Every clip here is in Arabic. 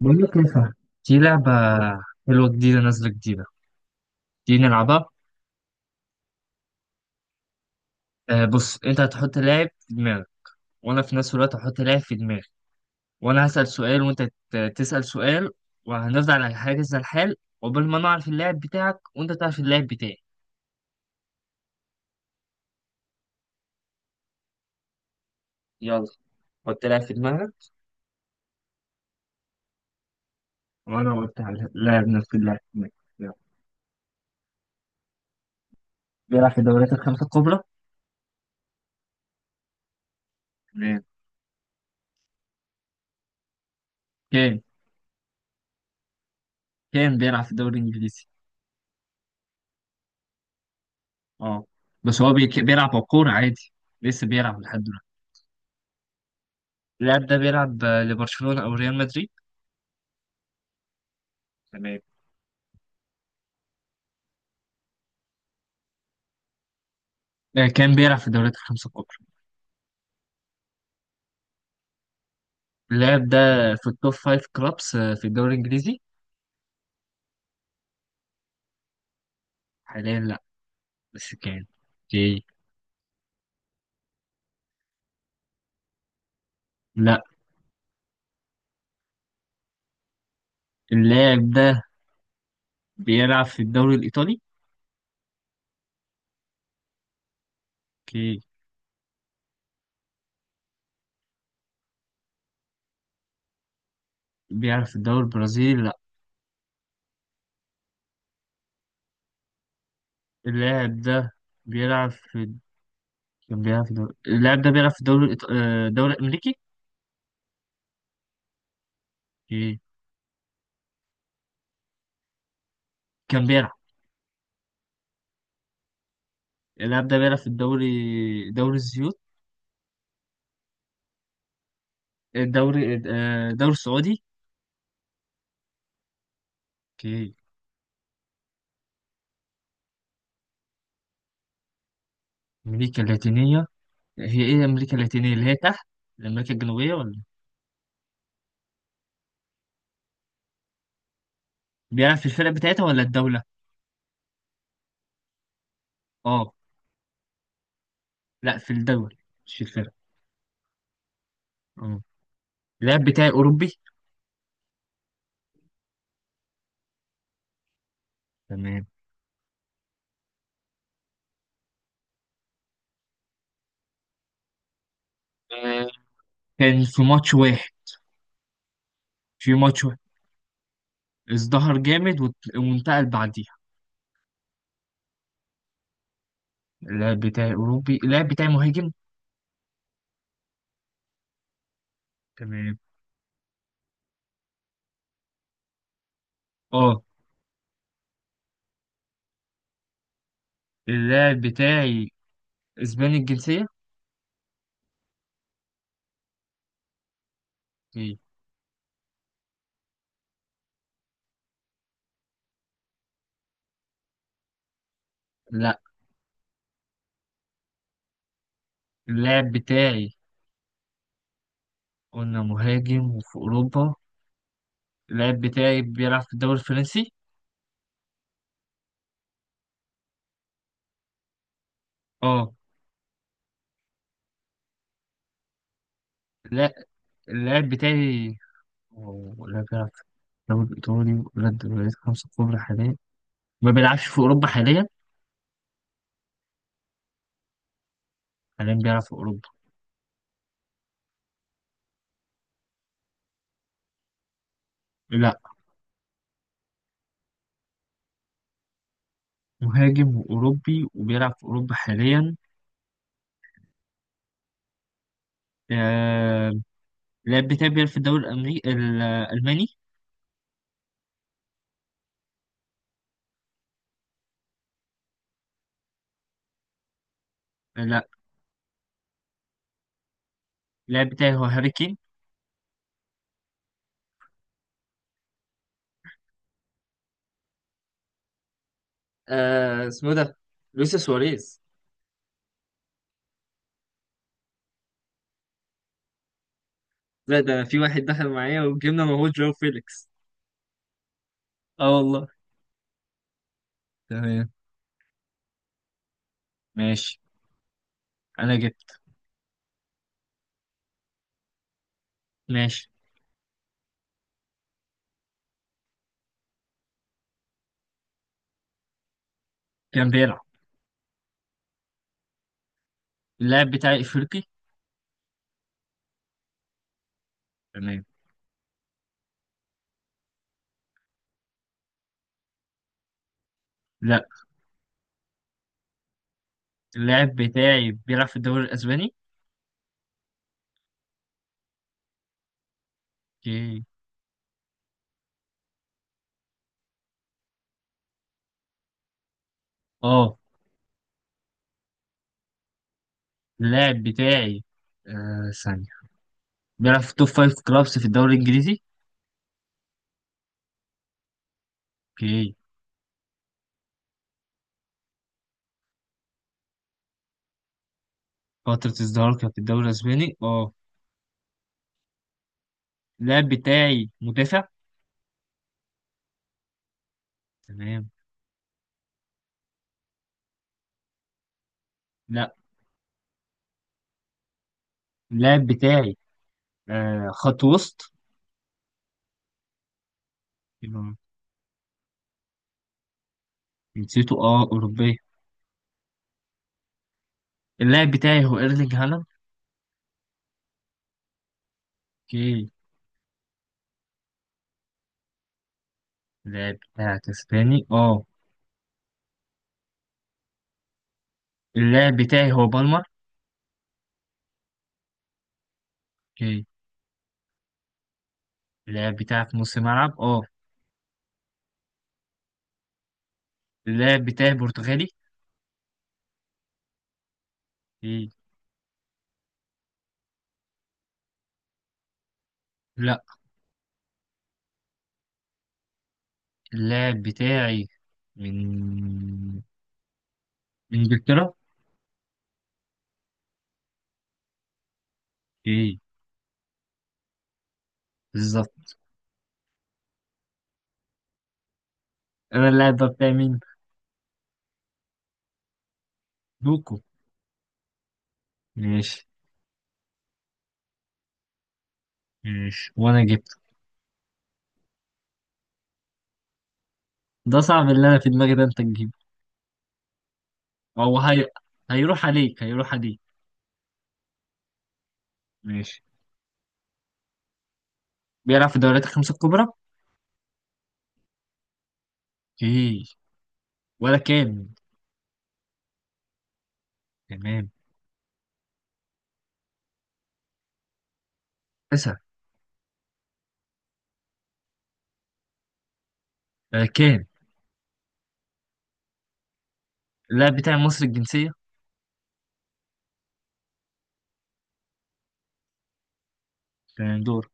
بقول لك ايه، صح. في لعبة حلوة جديدة، نازلة جديدة، دي نلعبها. آه، بص، انت هتحط لاعب في دماغك، وانا في نفس الوقت هحط لاعب في دماغي، وانا هسأل سؤال وانت تسأل سؤال، وهنفضل على حاجة زي الحال عقبال ما نعرف اللاعب بتاعك وانت تعرف اللاعب بتاعي. يلا، حط لاعب في دماغك. وانا قلت على لاعب، نفس اللاعب في دماغي. يلا. بيلعب في الدوريات الخمسة الكبرى. تمام. كان كان بيلعب في الدوري الانجليزي. اه، بس هو بيلعب على الكورة عادي، لسه بيلعب لحد. اللاعب ده بيلعب لبرشلونة أو ريال مدريد؟ تمام. آه، كان بيلعب في الدوريات الخمسة الكبرى. اللاعب ده في التوب فايف كلابس، في الدوري الإنجليزي؟ حاليا لأ، بس كان. اوكي. لأ. اللاعب ده بيلعب في الدوري الإيطالي؟ اوكي. بيلعب في الدوري البرازيلي، لأ. اللاعب ده بيلعب في، كان بيلعب في الدوري، اللاعب ده بيلعب في الدوري الدوري الأمريكي. اوكي. كان بيلعب. اللاعب ده بيلعب في الدوري، دوري الزيوت. الدوري، الدوري السعودي. اوكي. أمريكا اللاتينية، هي ايه امريكا اللاتينيه؟ اللي هي تحت امريكا الجنوبيه ولا؟ بيلعب في الفرق بتاعتها ولا الدوله؟ اه. لا، في الدول مش في الفرق. اه، اللاعب بتاعي اوروبي. تمام. آه، كان في ماتش واحد، في ماتش واحد ازدهر جامد وانتقل بعديها. اللاعب بتاعي اوروبي، اللاعب بتاعي مهاجم. تمام. اه، اللاعب بتاعي اسباني الجنسيه. إيه؟ لا. اللاعب بتاعي قلنا مهاجم وفي اوروبا. اللاعب بتاعي بيلعب في الدوري الفرنسي؟ اه. لا، اللاعب بتاعي ولا بيلعب في الدوري الإيطالي ولا الدوريات الخمسة الكبرى حاليا، ما بيلعبش في أوروبا حاليا؟ حاليا بيلعب في أوروبا. لا، مهاجم وأوروبي وبيلعب في أوروبا حاليا. آه... اللاعب بتاعي بيلعب في الدوري الأمريكي، الألماني. لا، اللاعب بتاعي هو هاري كين. اسمه ده لويس سواريز. لا، ده في واحد دخل معايا وجبنا، ما هو جو فيليكس. اه والله. تمام. ماشي. أنا جبت. ماشي. كان بيلعب. اللاعب بتاعي إفريقي؟ تمام. لا، اللاعب بتاعي بيلعب في الدوري الأسباني. اوكي. اه، اللاعب بتاعي، ثانية، بيلعب في توب فايف كلابس في الدوري الإنجليزي. اوكي. فترة ازدهاره كانت في الدوري الأسباني، اه. اللاعب بتاعي مدافع؟ تمام. لا، اللاعب بتاعي خط وسط. يبقى جنسيته، اه، أوروبية. اللاعب بتاعي هو إيرلينج هالاند؟ اوكي. اللاعب بتاعك اسباني، اه. اللاعب بتاعي هو بالمر؟ اوكي. اللاعب بتاعك نص ملعب، اه. اللاعب بتاعي برتغالي؟ اوكي. لا، اللاعب بتاعي من من انجلترا. ايه، بالظبط. انا اللاعب ده بتاعي مين؟ دوكو؟ ماشي. ماشي، وانا جبته. ده صعب، اللي انا في دماغي ده انت تجيبه. هو هي... هيروح عليك، هيروح عليك. ماشي. بيلعب في الدوريات الخمسة الكبرى؟ ايه، ولا كان؟ تمام. اسأل. آه، كان. اللاعب بتاعي مصري الجنسية. تمام، دور.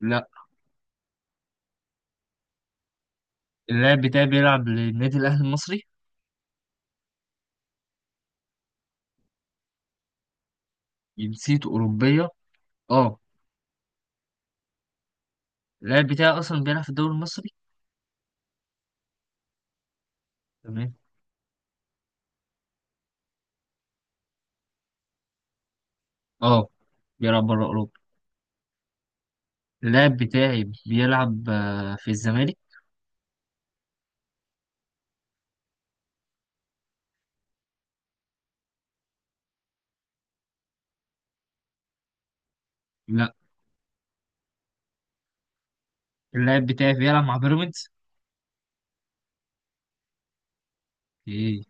لا، اللاعب بتاعي بيلعب للنادي الاهلي المصري؟ جنسيته اوروبية، اه. اللاعب بتاعي اصلا بيلعب في الدوري المصري. تمام. اه، بيلعب بره أوروبا. اللاعب بتاعي بيلعب في الزمالك؟ لا، اللاعب بتاعي بيلعب مع بيراميدز. ايه.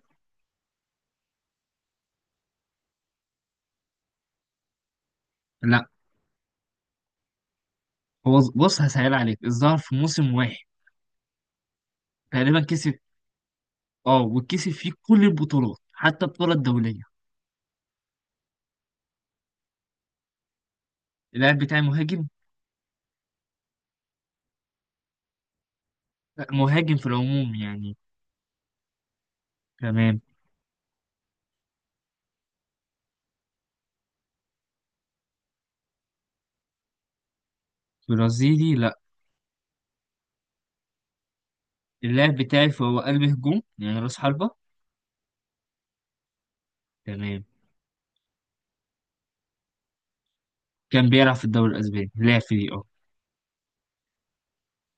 لا، هو بص، هسهل عليك، الظاهر في موسم واحد تقريبا كسب، اه، وكسب فيه كل البطولات حتى البطولة الدولية. اللاعب بتاعي مهاجم. لا، مهاجم في العموم يعني. تمام. برازيلي؟ لا. اللاعب بتاعي فهو قلب هجوم يعني راس حربة. تمام. كان بيلعب في الدوري الأسباني، لاعب في دي اه.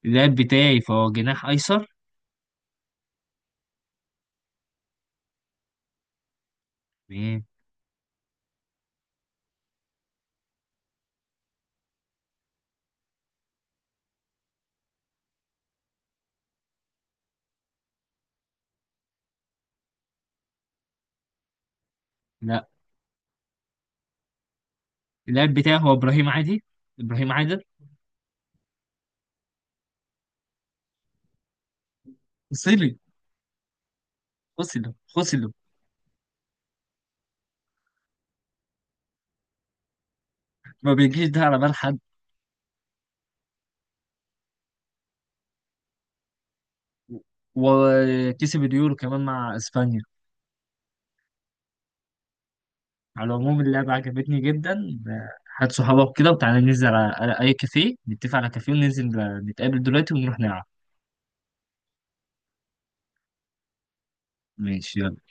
اللاعب بتاعي فهو جناح أيسر. تمام. لا، اللاعب بتاعي هو إبراهيم عادي، إبراهيم عادل. فصلي، فصل فصل. ما بيجيش ده على بال حد. وكسب اليورو كمان مع اسبانيا. على العموم، اللعبة عجبتني جدا. هات صحابك كده وتعالى ننزل على اي كافيه، نتفق على كافيه وننزل، نتقابل دلوقتي ونروح نلعب. ماشي يلا.